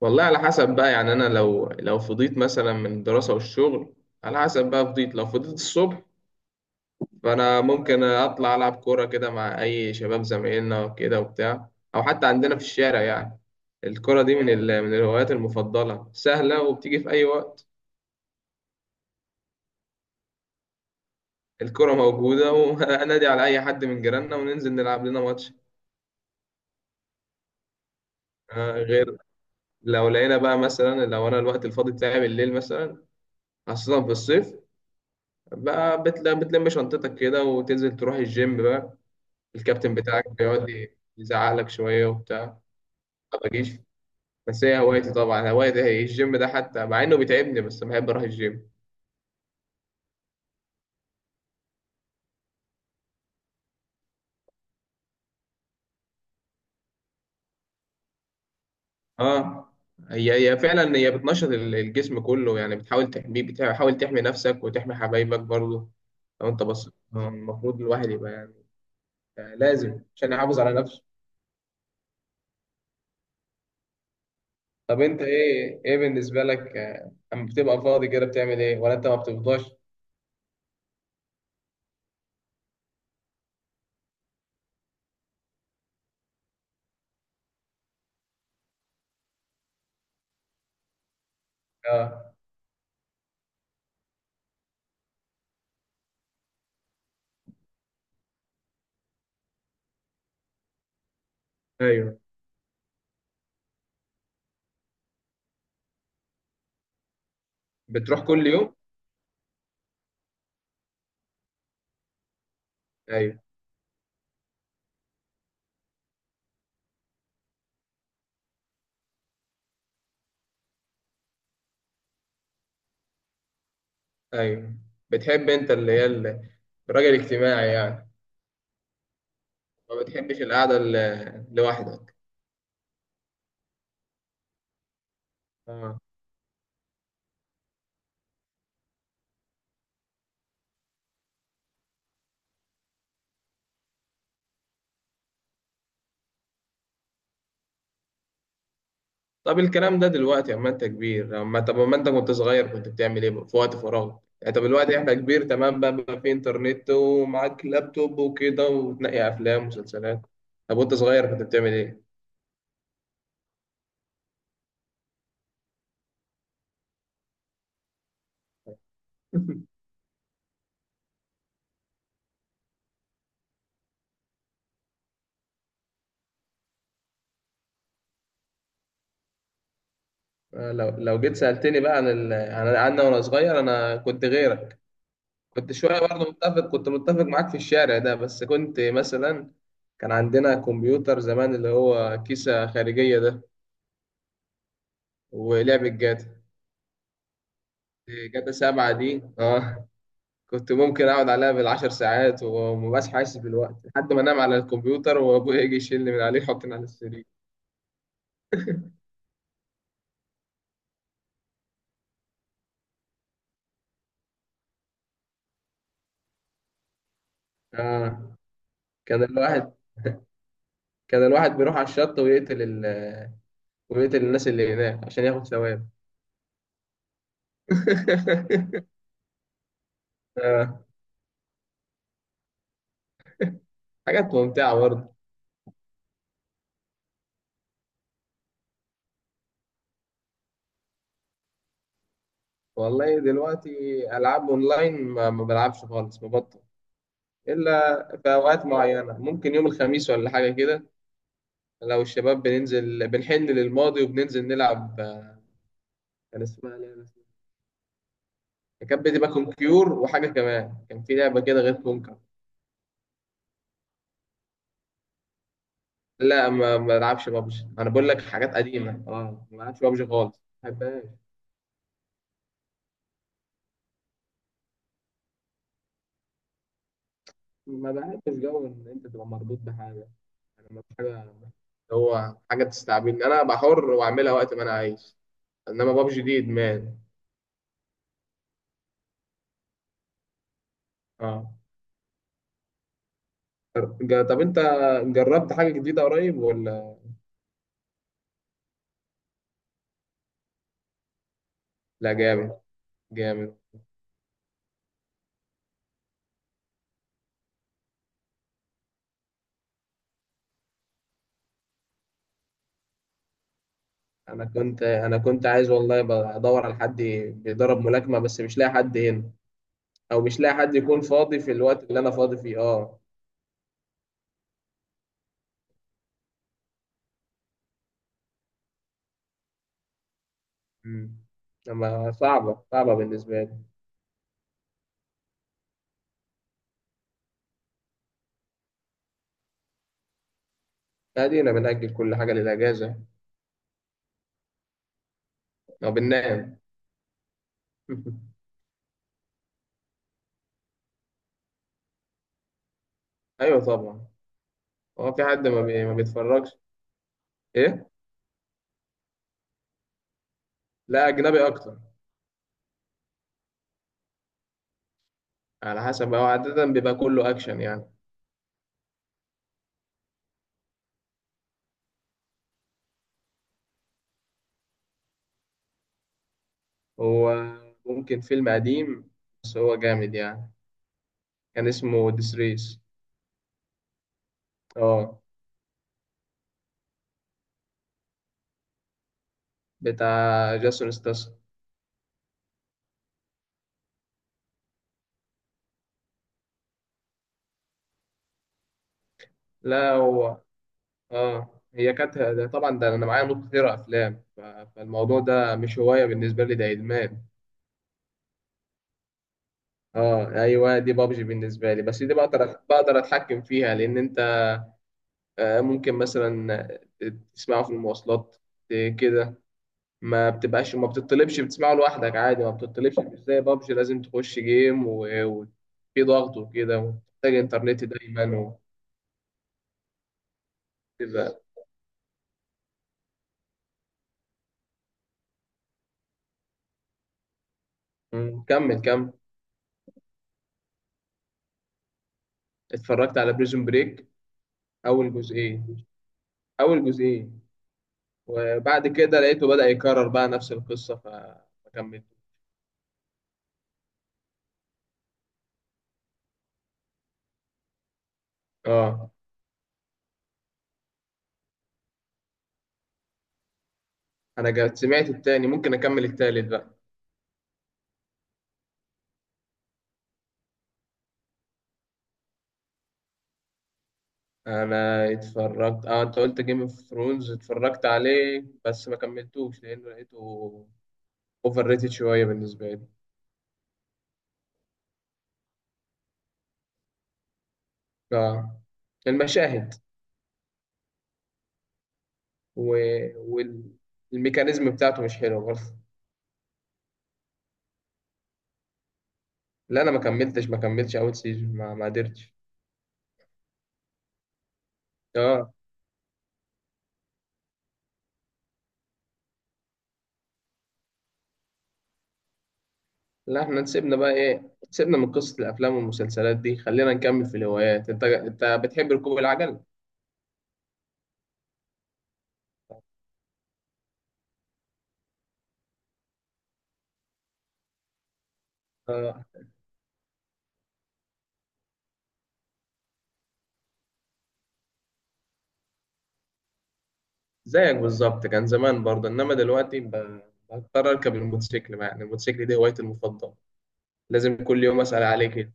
والله، على حسب بقى يعني انا لو فضيت مثلا من الدراسه والشغل، على حسب بقى فضيت لو فضيت الصبح، فانا ممكن اطلع العب كوره كده مع اي شباب زمايلنا كده وبتاع، او حتى عندنا في الشارع يعني. الكوره دي من الهوايات المفضله، سهله وبتيجي في اي وقت. الكوره موجوده وانادي على اي حد من جيراننا وننزل نلعب لنا ماتش. غير لو لقينا بقى مثلا، لو انا الوقت الفاضي بتاعي بالليل مثلا، خاصه في الصيف، بقى بتلم شنطتك كده وتنزل تروح الجيم بقى. الكابتن بتاعك بيقعد يزعقلك شوية وبتاع. ما بجيش. بس هي هوايتي، طبعا هوايتي هي الجيم ده، حتى مع إنه بيتعبني بس بحب أروح الجيم. اه. هي فعلا، هي بتنشط الجسم كله يعني، بتحاول تحميه، بتحاول تحمي نفسك وتحمي حبايبك برضه. لو أنت بصيت، المفروض الواحد يبقى يعني، لازم عشان يحافظ على نفسه. طب أنت، إيه بالنسبة لك، أما بتبقى فاضي كده بتعمل إيه، ولا أنت ما بتفضاش؟ اه. ايوه، بتروح كل يوم؟ ايوه ايوه. بتحب انت اللي هي الراجل الاجتماعي يعني. ما بتحبش القعده لوحدك؟ اه. طب الكلام ده دلوقتي اما انت كبير، لما، طب اما انت كنت صغير كنت بتعمل ايه في وقت فراغ؟ يعني طب دلوقتي احنا كبير تمام، بقى في انترنت ومعاك لابتوب وكده، وتنقي افلام ومسلسلات. طب وانت صغير كنت بتعمل ايه؟ لو جيت سألتني بقى عن انا وانا صغير، انا كنت غيرك. كنت شوية برضه متفق، كنت متفق معاك في الشارع ده، بس كنت مثلا، كان عندنا كمبيوتر زمان اللي هو كيسة خارجية ده، ولعبة جاتا، جاتا 7 دي، اه. كنت ممكن اقعد عليها بالعشر ساعات، ومبقاش حاسس بالوقت لحد ما انام على الكمبيوتر، وابويا يجي يشيلني من عليه يحطني على السرير. اه. كان الواحد كان الواحد بيروح على الشط ويقتل ويقتل الناس اللي هناك عشان ياخد ثواب. آه. حاجات ممتعة برضه. والله دلوقتي، ألعاب أونلاين ما بلعبش خالص، مبطل. إلا في أوقات معينة، ممكن يوم الخميس ولا حاجة كده، لو الشباب بننزل بنحن للماضي، وبننزل نلعب، كان اسمها لعبة، كانت بتبقى كونكيور، وحاجة كمان كان في لعبة كده غير كونكر. لا، ما بلعبش بابجي، أنا بقول لك حاجات قديمة، اه ما بلعبش بابجي خالص، ما بحبهاش. ما بحبش جو إن أنت تبقى مربوط بحاجة، أنا ما فيش حاجة هو حاجة تستعبدني، أنا بحر وأعملها وقت ما أنا عايز، انما بابجي دي ادمان. اه. طب انت جربت حاجه جديده قريب ولا؟ لا، جامد. جامد. انا كنت عايز والله، بدور على حد بيدرب ملاكمه، بس مش لاقي حد هنا، او مش لاقي حد يكون فاضي في الوقت اللي انا فاضي فيه، اه. امم اما صعبه صعبه بالنسبه لي. ادينا بنأجل كل حاجه للاجازه، او بننام. ايوه طبعا. هو في حد ما بيتفرجش؟ ايه. لا، اجنبي اكتر. على حسب، هو عاده بيبقى كله اكشن يعني. هو، ممكن فيلم قديم بس هو جامد يعني. كان اسمه ديسريس. اه. بتاع جاسون ستاس. لا هو، اه هي كانت ده، طبعا ده انا معايا نوت كتير افلام، فالموضوع ده مش هوايه بالنسبه لي، ده ادمان. اه ايوه، دي بابجي بالنسبه لي، بس دي بقدر اتحكم فيها، لان انت ممكن مثلا، آه، تسمعه في المواصلات، كده. ما بتبقاش، ما بتطلبش، بتسمعه لوحدك عادي، ما بتطلبش، مش زي بابجي لازم تخش جيم وفي ضغط وكده، ومحتاج انترنت دايما وكده. مم، كمل كمل. اتفرجت على بريزون بريك، اول جزئين اول جزئين، وبعد كده لقيته بدأ يكرر بقى نفس القصة، فما كملت. اه انا سمعت التاني، ممكن اكمل التالت بقى. انا اتفرجت، اه، انت قلت جيم اوف ثرونز، اتفرجت عليه بس ما كملتوش لانه لقيته اوفر ريتد شويه بالنسبه لي. اه. المشاهد و... والميكانيزم بتاعته مش حلو برضه. لا انا ما كملتش اول سيزون، ما قدرتش. اه. لا احنا نسيبنا بقى ايه، سيبنا من قصة الافلام والمسلسلات دي، خلينا نكمل في الهوايات. انت بتحب ركوب العجل؟ اه زيك بالظبط، كان زمان برضه، انما دلوقتي بضطر اركب الموتوسيكل بقى. يعني الموتوسيكل دي هوايتي المفضلة، لازم كل يوم اسأل عليه كده.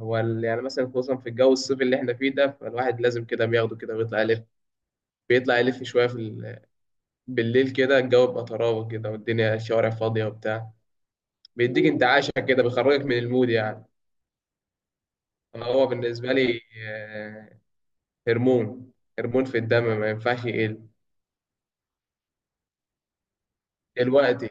هو يعني مثلا، خصوصا في الجو الصيفي اللي احنا فيه ده، فالواحد لازم كده بياخده كده ويطلع يلف، بيطلع يلف شويه في بالليل كده، الجو بيبقى طراوة كده، والدنيا الشوارع فاضية وبتاع، بيديك انتعاشة كده، بيخرجك من المود يعني. هو بالنسبة لي، آه، هرمون هرمون في الدم ما ينفعش يقل دلوقتي.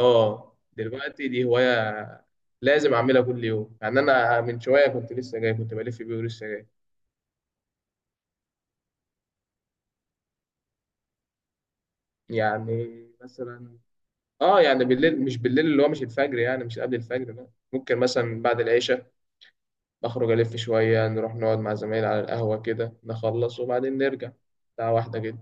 اه دلوقتي دي هواية، لازم أعملها كل يوم، يعني أنا من شوية كنت لسه جاي كنت بلف بيه ولسه جاي. يعني مثلا، اه يعني بالليل، مش بالليل اللي هو مش الفجر، يعني مش قبل الفجر لا، ممكن مثلا بعد العشاء نخرج ألف شوية، نروح نقعد مع زمايلي على القهوة كده، نخلص وبعدين نرجع، ساعة واحدة كده.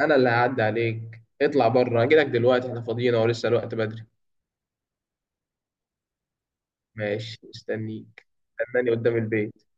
أنا اللي هعدي عليك، اطلع بره أجيلك دلوقتي، احنا فاضيين أهو لسه الوقت بدري. ماشي، مستنيك. استناني قدام البيت.